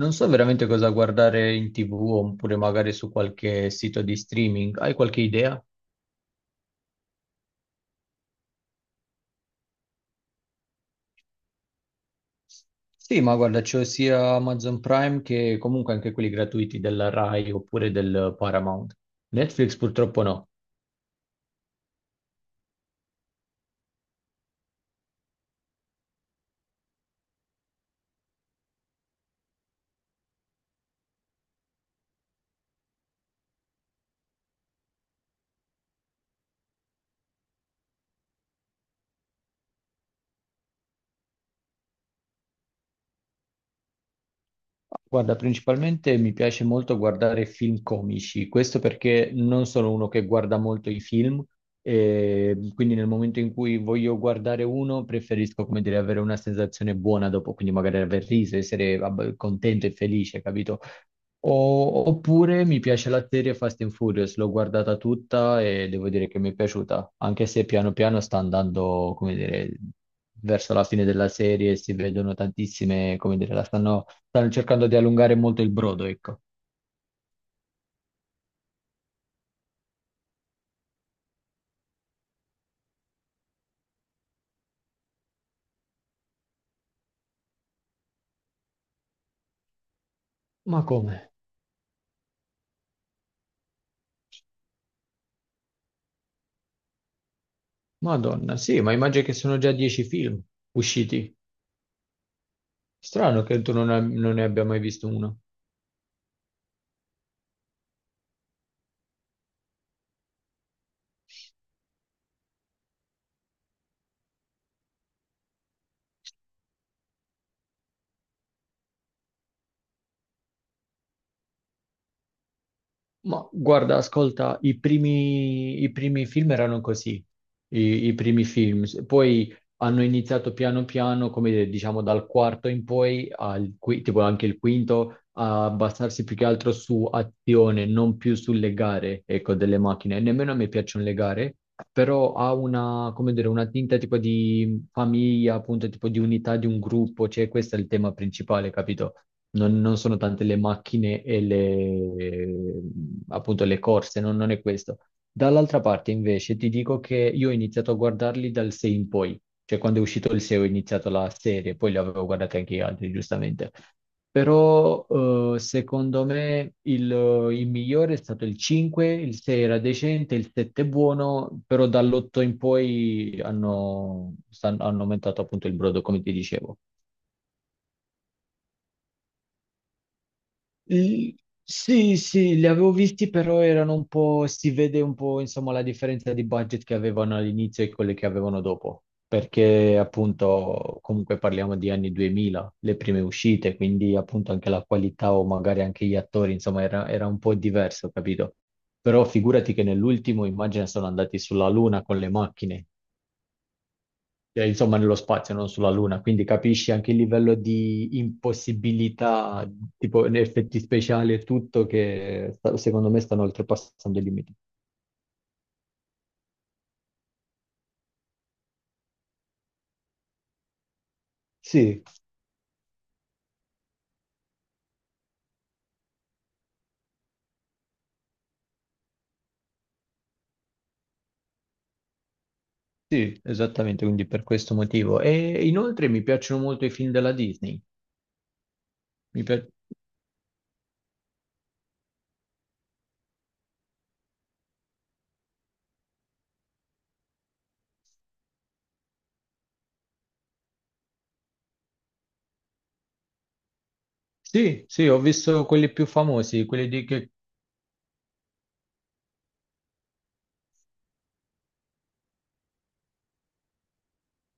Non so veramente cosa guardare in TV oppure magari su qualche sito di streaming. Hai qualche idea? Sì, ma guarda, c'ho sia Amazon Prime che comunque anche quelli gratuiti della Rai oppure del Paramount. Netflix purtroppo no. Guarda, principalmente mi piace molto guardare film comici, questo perché non sono uno che guarda molto i film, e quindi nel momento in cui voglio guardare uno preferisco, come dire, avere una sensazione buona dopo, quindi magari aver riso, essere vabbè, contento e felice, capito? Oppure mi piace la serie Fast and Furious, l'ho guardata tutta e devo dire che mi è piaciuta, anche se piano piano sta andando, come dire, verso la fine della serie, si vedono tantissime, come dire, la stanno cercando di allungare molto il brodo, ecco. Ma come? Madonna, sì, ma immagino che sono già dieci film usciti. Strano che tu non ne abbia mai visto uno. Ma guarda, ascolta, i primi film erano così, i primi film. Poi hanno iniziato piano piano, come dire, diciamo dal quarto in poi, tipo anche il quinto, a basarsi più che altro su azione, non più sulle gare, ecco, delle macchine. E nemmeno a me piacciono le gare, però ha una, come dire, una tinta tipo di famiglia, appunto, tipo di unità di un gruppo, cioè questo è il tema principale, capito? Non sono tante le macchine e le, appunto, le corse, non è questo. Dall'altra parte, invece, ti dico che io ho iniziato a guardarli dal 6 in poi, cioè quando è uscito il 6 ho iniziato la serie, poi li avevo guardati anche gli altri, giustamente. Però, secondo me il migliore è stato il 5, il 6 era decente, il 7 è buono, però dall'8 in poi hanno, hanno aumentato appunto il brodo, come ti dicevo. L- Sì, sì, li avevo visti, però erano un po', si vede un po', insomma, la differenza di budget che avevano all'inizio e quelle che avevano dopo, perché appunto comunque parliamo di anni 2000, le prime uscite, quindi appunto anche la qualità o magari anche gli attori, insomma, era un po' diverso, capito? Però figurati che nell'ultimo, immagina, sono andati sulla Luna con le macchine, insomma, nello spazio, non sulla Luna, quindi capisci anche il livello di impossibilità, tipo in effetti speciali e tutto, che secondo me stanno oltrepassando i limiti. Sì, sì, esattamente, quindi per questo motivo. E inoltre mi piacciono molto i film della Disney. Mi pia- Sì, sì, ho visto quelli più famosi, quelli di che...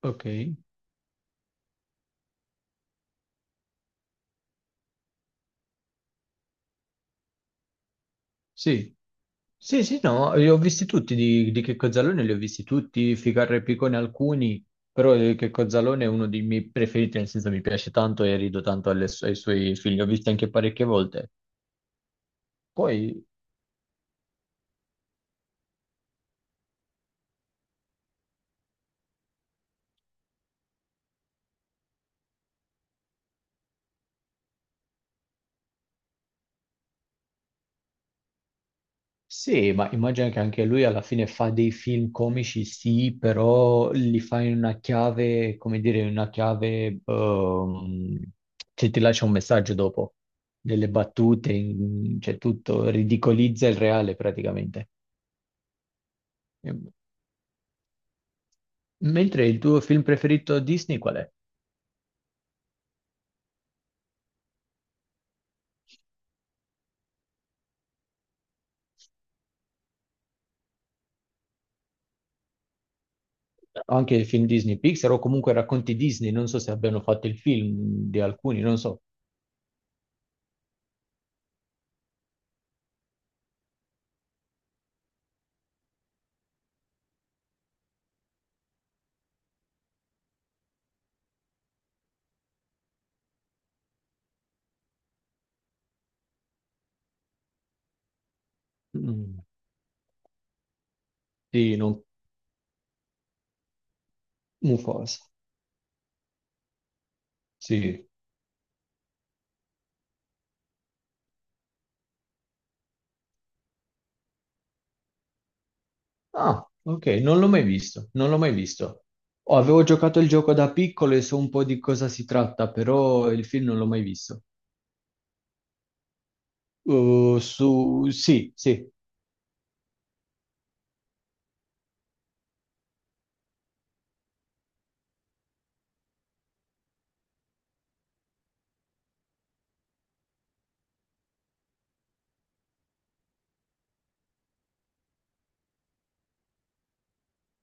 Ok. Sì, sì, sì, no, li ho visti tutti di Checco Zalone, li ho visti tutti, Ficarra e Picone alcuni, però Checco Zalone è uno dei miei preferiti, nel senso mi piace tanto e rido tanto alle ai suoi film, li ho visti anche parecchie volte. Poi, sì, ma immagino che anche lui alla fine fa dei film comici, sì, però li fa in una chiave, come dire, in una chiave che ti lascia un messaggio dopo, delle battute, cioè tutto, ridicolizza il reale praticamente. Ehm, Mentre il tuo film preferito Disney qual è? Anche i film Disney Pixar o comunque racconti Disney, non so se abbiano fatto il film di alcuni, non so. Mm, sì, non. Mufasa. Sì. Ah, ok, non l'ho mai visto, non l'ho mai visto. Oh, avevo giocato il gioco da piccolo e so un po' di cosa si tratta, però il film non l'ho mai visto. Sì, sì.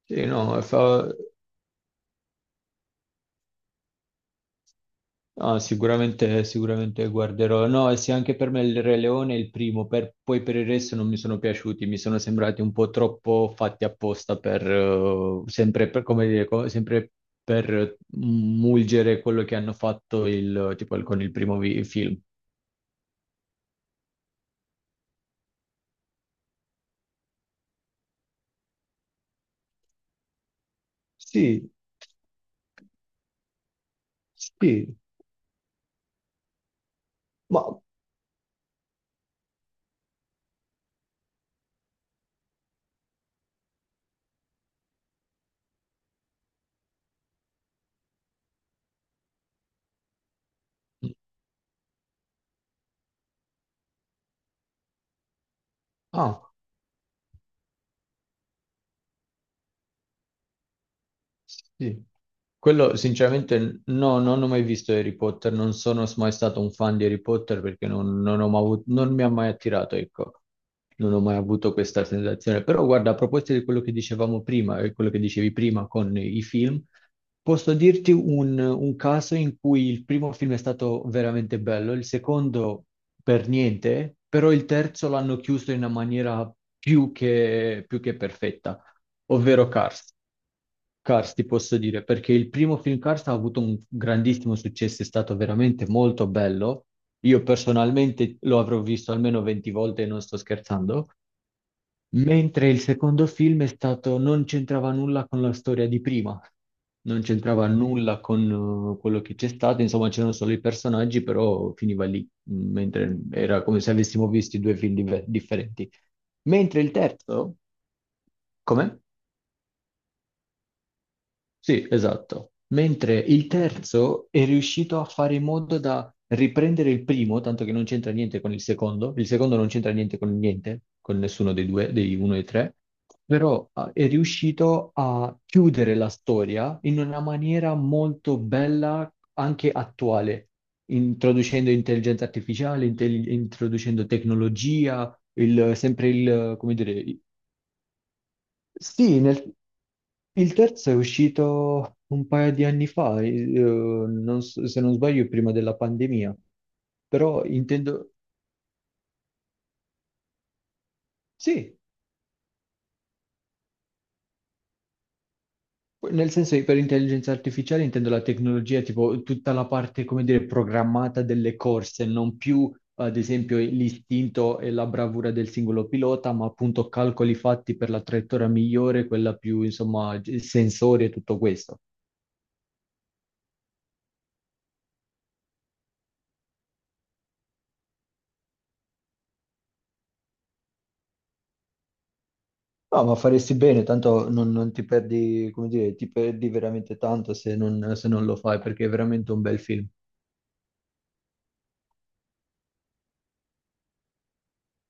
Sì, no. Ah, sicuramente, sicuramente guarderò. No, e sì, anche per me il Re Leone è il primo, poi per il resto non mi sono piaciuti, mi sono sembrati un po' troppo fatti apposta per, sempre per, come dire, sempre per mulgere quello che hanno fatto il, tipo, il- con il primo film. Sì, sì, ma Ah. Sì. Quello sinceramente no, non ho mai visto Harry Potter, non sono mai stato un fan di Harry Potter perché non, non ho mai avu- non mi ha mai attirato, ecco, non ho mai avuto questa sensazione. Però guarda, a proposito di quello che dicevamo prima, e quello che dicevi prima con i film, posso dirti un caso in cui il primo film è stato veramente bello, il secondo per niente, però il terzo l'hanno chiuso in una maniera più che perfetta, ovvero Cars. Cars, ti posso dire, perché il primo film Cars ha avuto un grandissimo successo, è stato veramente molto bello. Io personalmente lo avrò visto almeno 20 volte e non sto scherzando, mentre il secondo film è stato, non c'entrava nulla con la storia di prima, non c'entrava nulla con quello che c'è stato, insomma c'erano solo i personaggi, però finiva lì, mentre era come se avessimo visto due film differenti. Mentre il terzo, come? Sì, esatto. Mentre il terzo è riuscito a fare in modo da riprendere il primo, tanto che non c'entra niente con il secondo. Il secondo non c'entra niente con niente, con nessuno dei due, dei uno e tre, però ah, è riuscito a chiudere la storia in una maniera molto bella, anche attuale, introducendo intelligenza artificiale, introducendo tecnologia, il- sempre il, come dire, sì, il terzo è uscito un paio di anni fa, non so- se non sbaglio prima della pandemia, però intendo, sì, nel senso che per intelligenza artificiale intendo la tecnologia, tipo tutta la parte, come dire, programmata delle corse, non più ad esempio l'istinto e la bravura del singolo pilota, ma appunto calcoli fatti per la traiettoria migliore, quella più, insomma, sensori e tutto questo. No, ma faresti bene, tanto non ti perdi, come dire, ti perdi veramente tanto se non lo fai, perché è veramente un bel film.